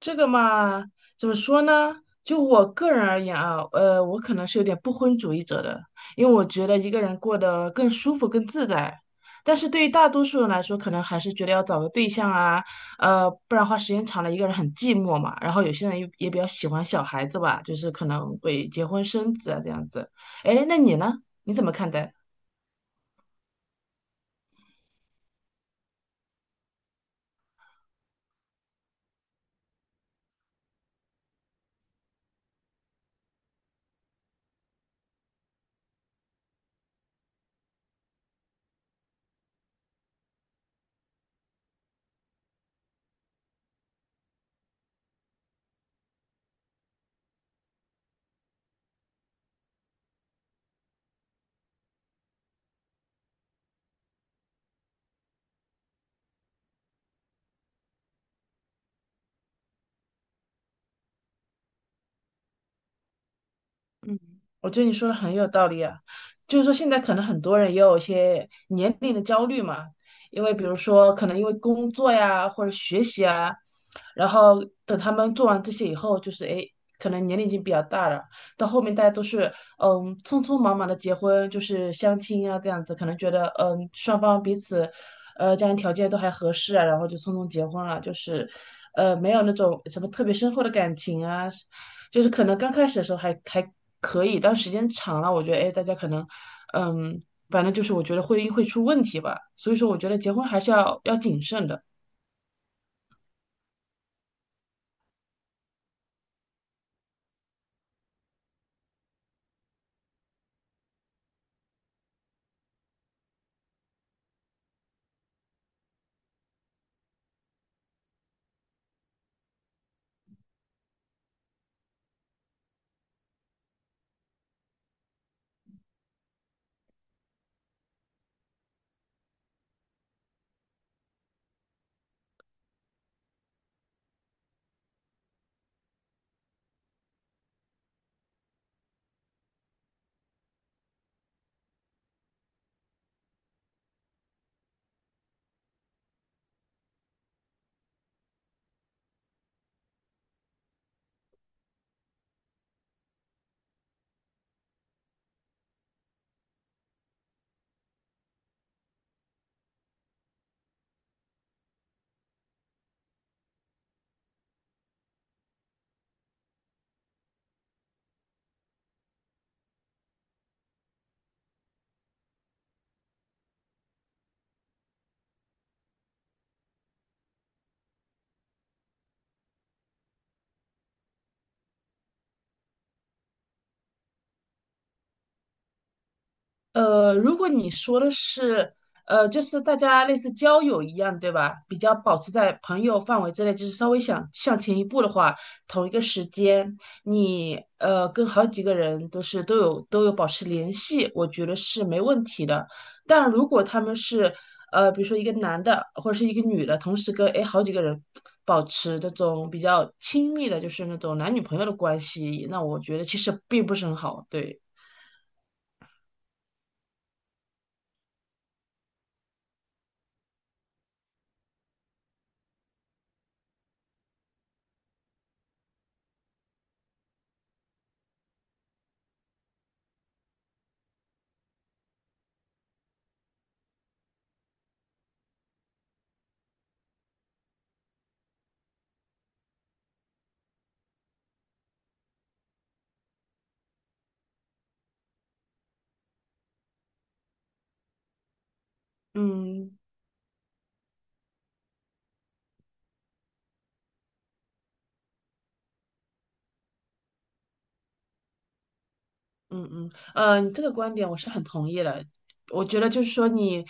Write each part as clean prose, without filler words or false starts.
这个嘛，怎么说呢？就我个人而言啊，我可能是有点不婚主义者的，因为我觉得一个人过得更舒服、更自在。但是对于大多数人来说，可能还是觉得要找个对象啊，不然话时间长了一个人很寂寞嘛。然后有些人也比较喜欢小孩子吧，就是可能会结婚生子啊这样子。哎，那你呢？你怎么看待？嗯，我觉得你说的很有道理啊，就是说现在可能很多人也有一些年龄的焦虑嘛，因为比如说可能因为工作呀或者学习啊，然后等他们做完这些以后，就是诶，可能年龄已经比较大了，到后面大家都是匆匆忙忙的结婚，就是相亲啊这样子，可能觉得嗯双方彼此家庭条件都还合适啊，然后就匆匆结婚了，就是没有那种什么特别深厚的感情啊，就是可能刚开始的时候还可以，但时间长了，我觉得哎，大家可能，嗯，反正就是我觉得会出问题吧。所以说，我觉得结婚还是要谨慎的。呃，如果你说的是，呃，就是大家类似交友一样，对吧？比较保持在朋友范围之内，就是稍微想向前一步的话，同一个时间，你跟好几个人都有保持联系，我觉得是没问题的。但如果他们是呃，比如说一个男的或者是一个女的，同时跟诶好几个人保持那种比较亲密的，就是那种男女朋友的关系，那我觉得其实并不是很好，对。嗯，你这个观点我是很同意的。我觉得就是说，你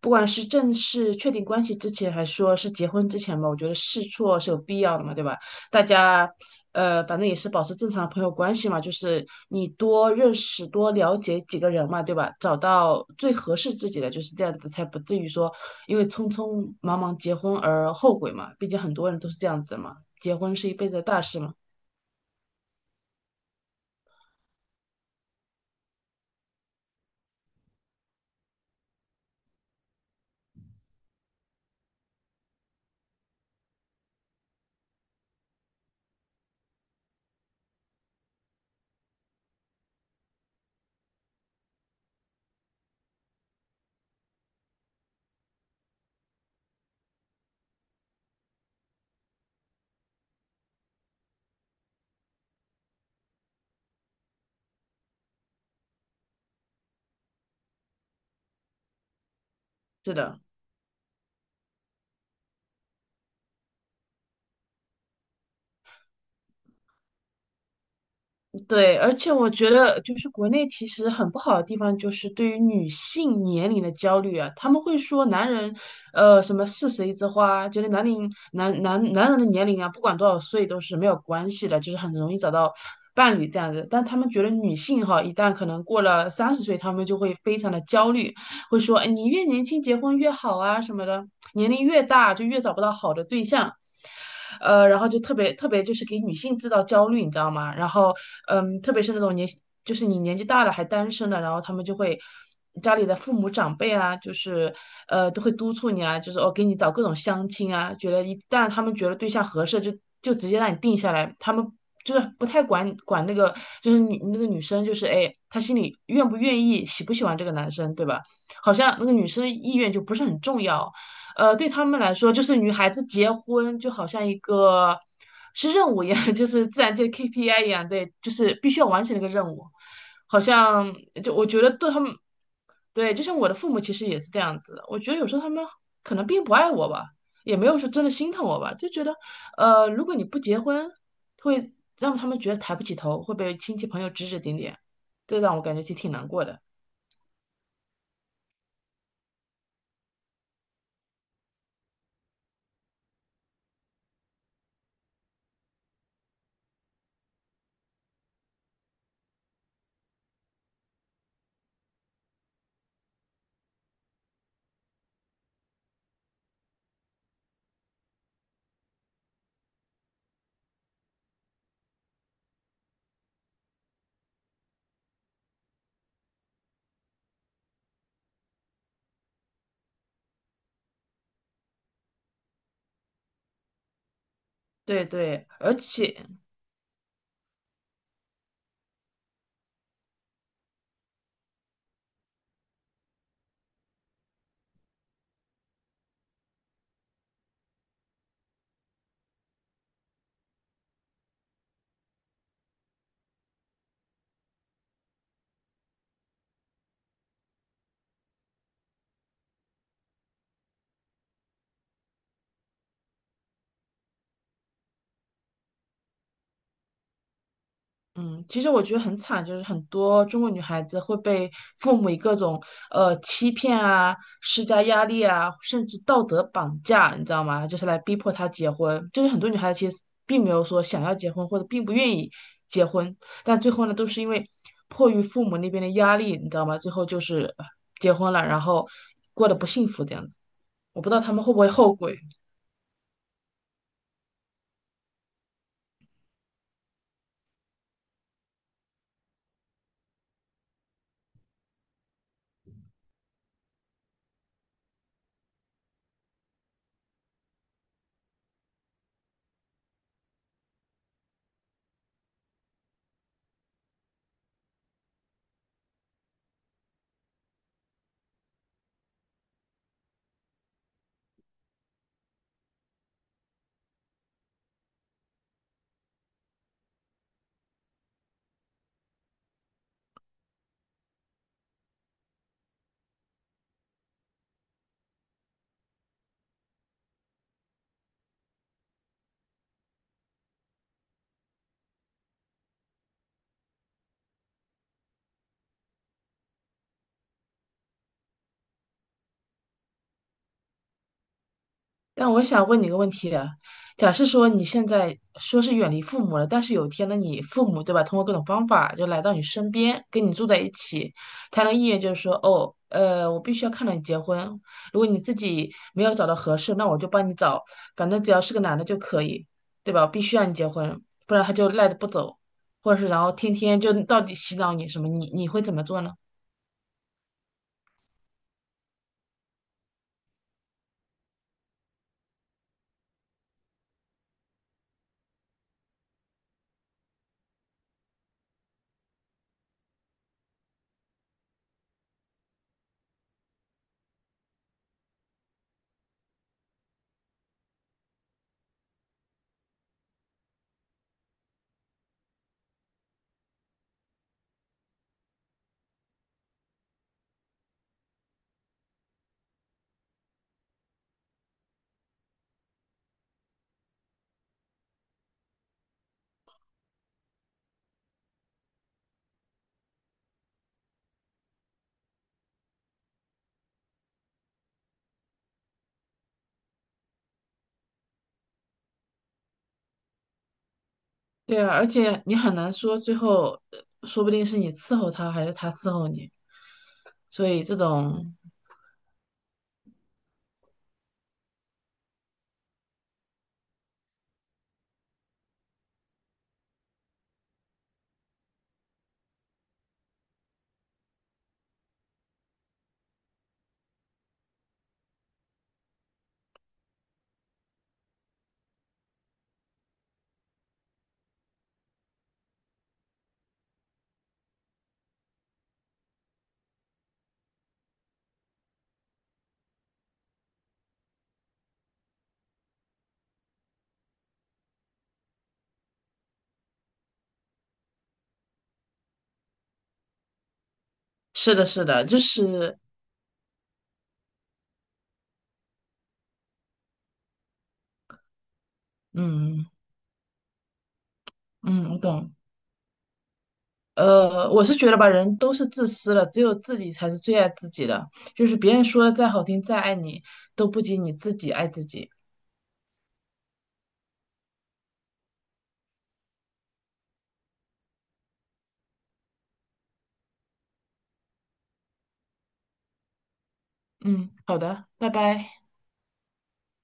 不管是正式确定关系之前，还是说是结婚之前嘛，我觉得试错是有必要的嘛，对吧？大家反正也是保持正常的朋友关系嘛，就是你多认识、多了解几个人嘛，对吧？找到最合适自己的，就是这样子，才不至于说因为匆匆忙忙结婚而后悔嘛。毕竟很多人都是这样子的嘛，结婚是一辈子的大事嘛。是的。对，而且我觉得就是国内其实很不好的地方，就是对于女性年龄的焦虑啊，他们会说男人，什么四十一枝花，觉得男人的年龄啊，不管多少岁都是没有关系的，就是很容易找到伴侣这样子。但他们觉得女性哈，一旦可能过了三十岁，他们就会非常的焦虑，会说，哎，你越年轻结婚越好啊什么的，年龄越大就越找不到好的对象。呃，然后就特别特别就是给女性制造焦虑，你知道吗？然后，嗯，特别是那种就是你年纪大了还单身的，然后他们就会家里的父母长辈啊，就是都会督促你啊，就是哦给你找各种相亲啊，觉得一旦他们觉得对象合适，就直接让你定下来，他们。就是不太管那个，就是女那个女生，就是哎，她心里愿不愿意，喜不喜欢这个男生，对吧？好像那个女生意愿就不是很重要。呃，对他们来说，就是女孩子结婚就好像一个是任务一样，就是自然界的 KPI 一样，对，就是必须要完成那个任务。好像就我觉得对他们，对，就像我的父母其实也是这样子的。我觉得有时候他们可能并不爱我吧，也没有说真的心疼我吧，就觉得呃，如果你不结婚，会让他们觉得抬不起头，会被亲戚朋友指指点点，这让我感觉挺难过的。对对，而且嗯，其实我觉得很惨，就是很多中国女孩子会被父母以各种欺骗啊、施加压力啊，甚至道德绑架，你知道吗？就是来逼迫她结婚。就是很多女孩子其实并没有说想要结婚，或者并不愿意结婚，但最后呢，都是因为迫于父母那边的压力，你知道吗？最后就是结婚了，然后过得不幸福这样子。我不知道他们会不会后悔。但我想问你个问题啊，假设说你现在说是远离父母了，但是有一天呢，你父母对吧，通过各种方法就来到你身边，跟你住在一起，他的意愿就是说，哦，呃，我必须要看到你结婚，如果你自己没有找到合适，那我就帮你找，反正只要是个男的就可以，对吧？我必须要你结婚，不然他就赖着不走，或者是然后天天就到底洗脑你什么，你会怎么做呢？对啊，而且你很难说最后，说不定是你伺候他，还是他伺候你。所以这种是的，是的，就是嗯嗯，我懂。呃，我是觉得吧，人都是自私的，只有自己才是最爱自己的。就是别人说的再好听、再爱你，都不及你自己爱自己。嗯，好的，拜拜。